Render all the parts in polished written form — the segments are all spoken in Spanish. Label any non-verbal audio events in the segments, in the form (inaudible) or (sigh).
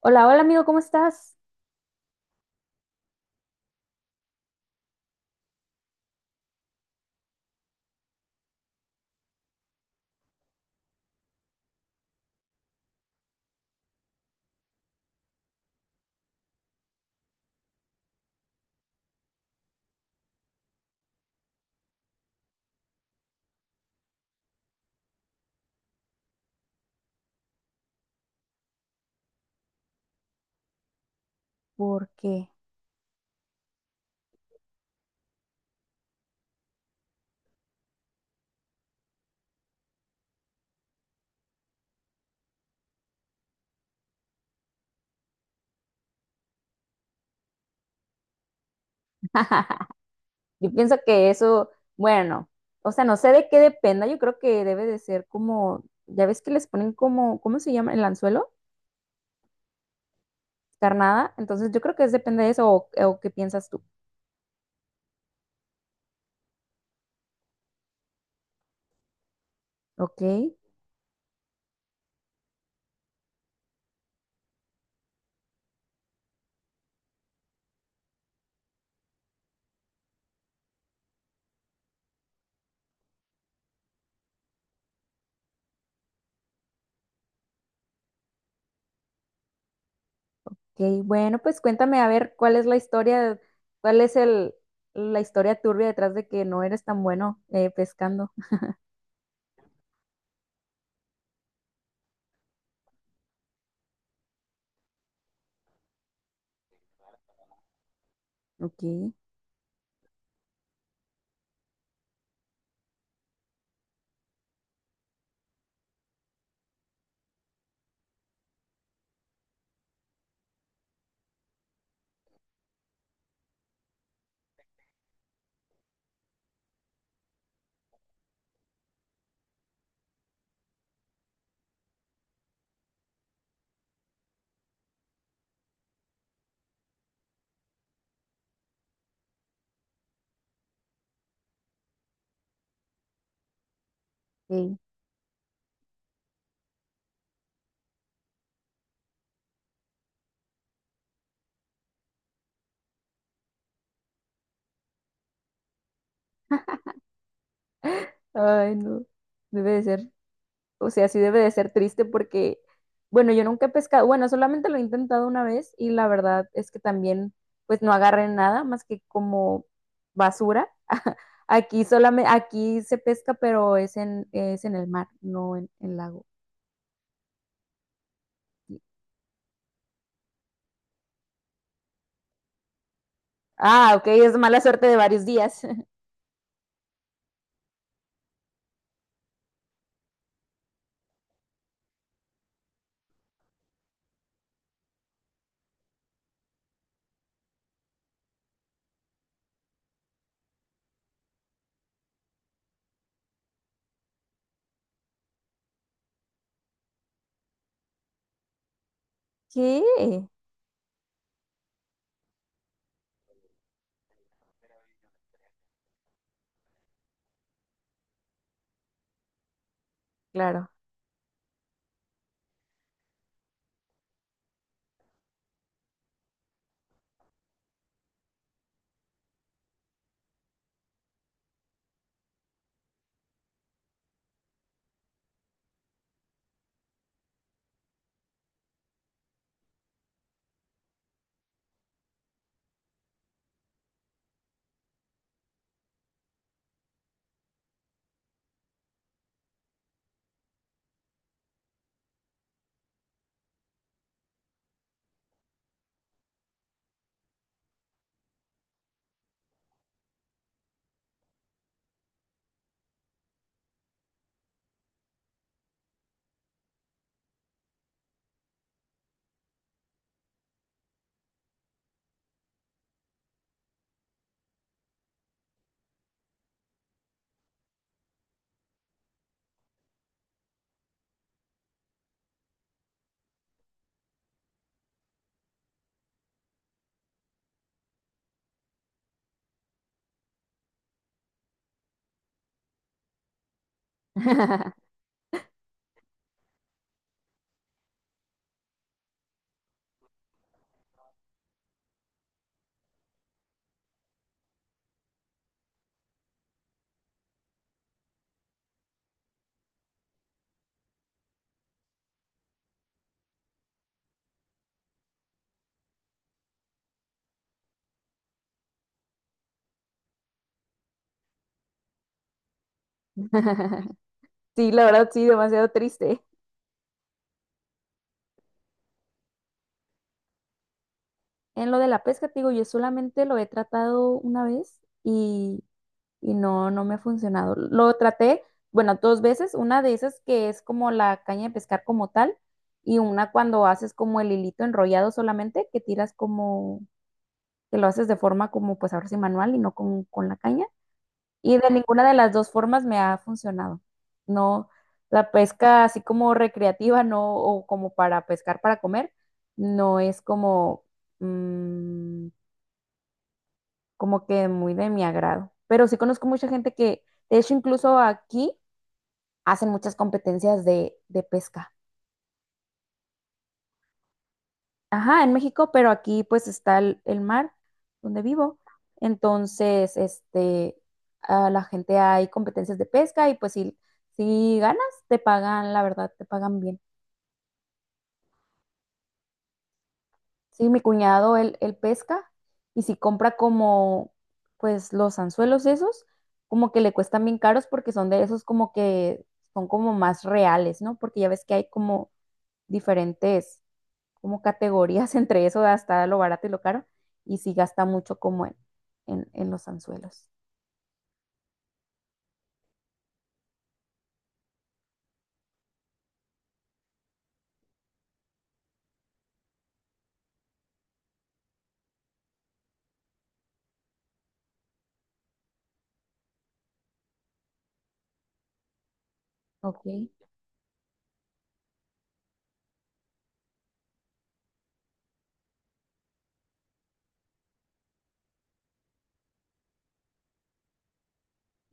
Hola, hola amigo, ¿cómo estás? Porque yo pienso que eso, bueno, o sea, no sé de qué dependa, yo creo que debe de ser como, ya ves que les ponen como, ¿cómo se llama? El anzuelo, carnada, entonces yo creo que es depende de eso o qué piensas tú. Ok, ok, bueno, pues cuéntame a ver cuál es la historia, cuál es el, la historia turbia detrás de que no eres tan bueno pescando. Ok, ok, ay no, debe de ser. O sea, sí debe de ser triste porque, bueno, yo nunca he pescado, bueno, solamente lo he intentado una vez y la verdad es que también, pues no agarré nada más que como basura. (laughs) Aquí solamente, aquí se pesca, pero es en el mar, no en el lago. Ah, ok, es mala suerte de varios días. (laughs) ¿Qué? Claro. (laughs) Sí, la verdad, sí, demasiado triste. En lo de la pesca, te digo, yo solamente lo he tratado una vez y no, no me ha funcionado. Lo traté, bueno, dos veces, una de esas que es como la caña de pescar como tal, y una cuando haces como el hilito enrollado solamente, que tiras como, que lo haces de forma como pues ahora sí manual y no con, con la caña. Y de ninguna de las dos formas me ha funcionado. No, la pesca así como recreativa, no, o como para pescar para comer, no es como mm, como que muy de mi agrado. Pero sí conozco mucha gente que, de hecho, incluso aquí hacen muchas competencias de pesca. Ajá, en México, pero aquí pues está el mar donde vivo. Entonces, este, a la gente hay competencias de pesca y pues si, si ganas, te pagan, la verdad, te pagan bien. Sí, mi cuñado, él pesca y si compra como, pues los anzuelos esos, como que le cuestan bien caros porque son de esos como que son como más reales, ¿no? Porque ya ves que hay como diferentes, como categorías (laughs) entre eso, hasta lo barato y lo caro, y sí gasta mucho como en los anzuelos. Ok,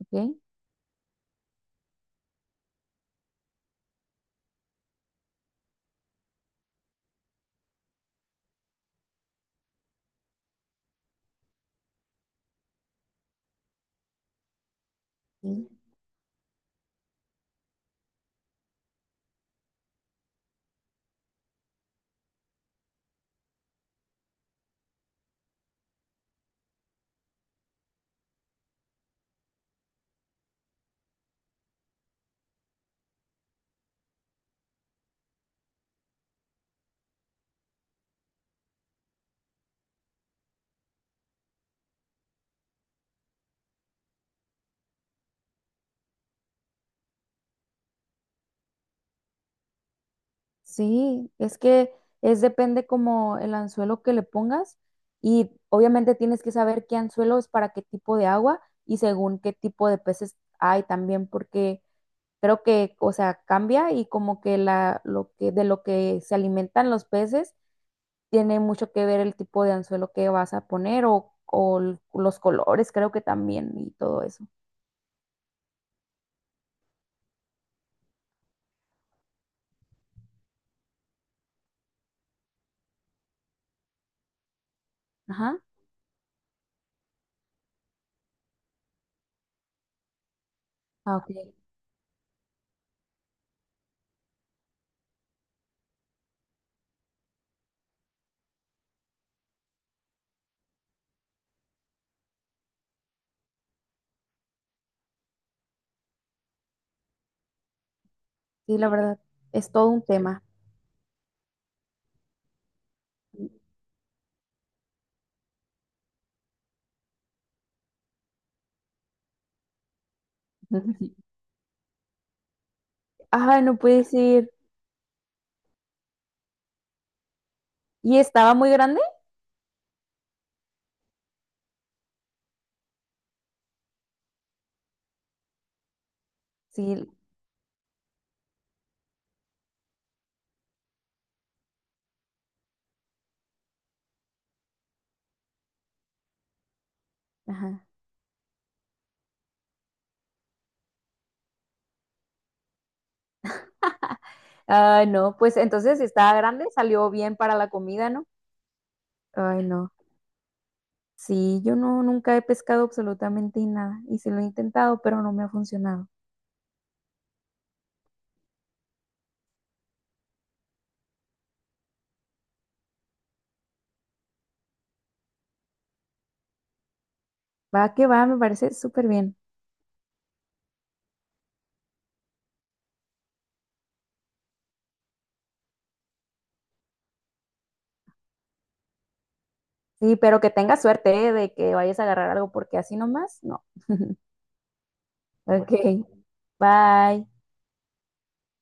ok. Sí. Sí, es que es depende como el anzuelo que le pongas y obviamente tienes que saber qué anzuelo es para qué tipo de agua y según qué tipo de peces hay también porque creo que, o sea, cambia y como que la lo que de lo que se alimentan los peces tiene mucho que ver el tipo de anzuelo que vas a poner o, o los colores, creo que también y todo eso. Ajá. Ah, ok. Sí, la verdad es todo un tema. (laughs) Ay, no puedes ir. ¿Y estaba muy grande? Sí, ajá. Ah, no, pues entonces si estaba grande, salió bien para la comida, ¿no? Ay, no. Sí, yo no, nunca he pescado absolutamente nada y sí lo he intentado, pero no me ha funcionado. Va que va, me parece súper bien. Sí, pero que tengas suerte, ¿eh? De que vayas a agarrar algo porque así nomás, no. (laughs) Bueno, ok, bye.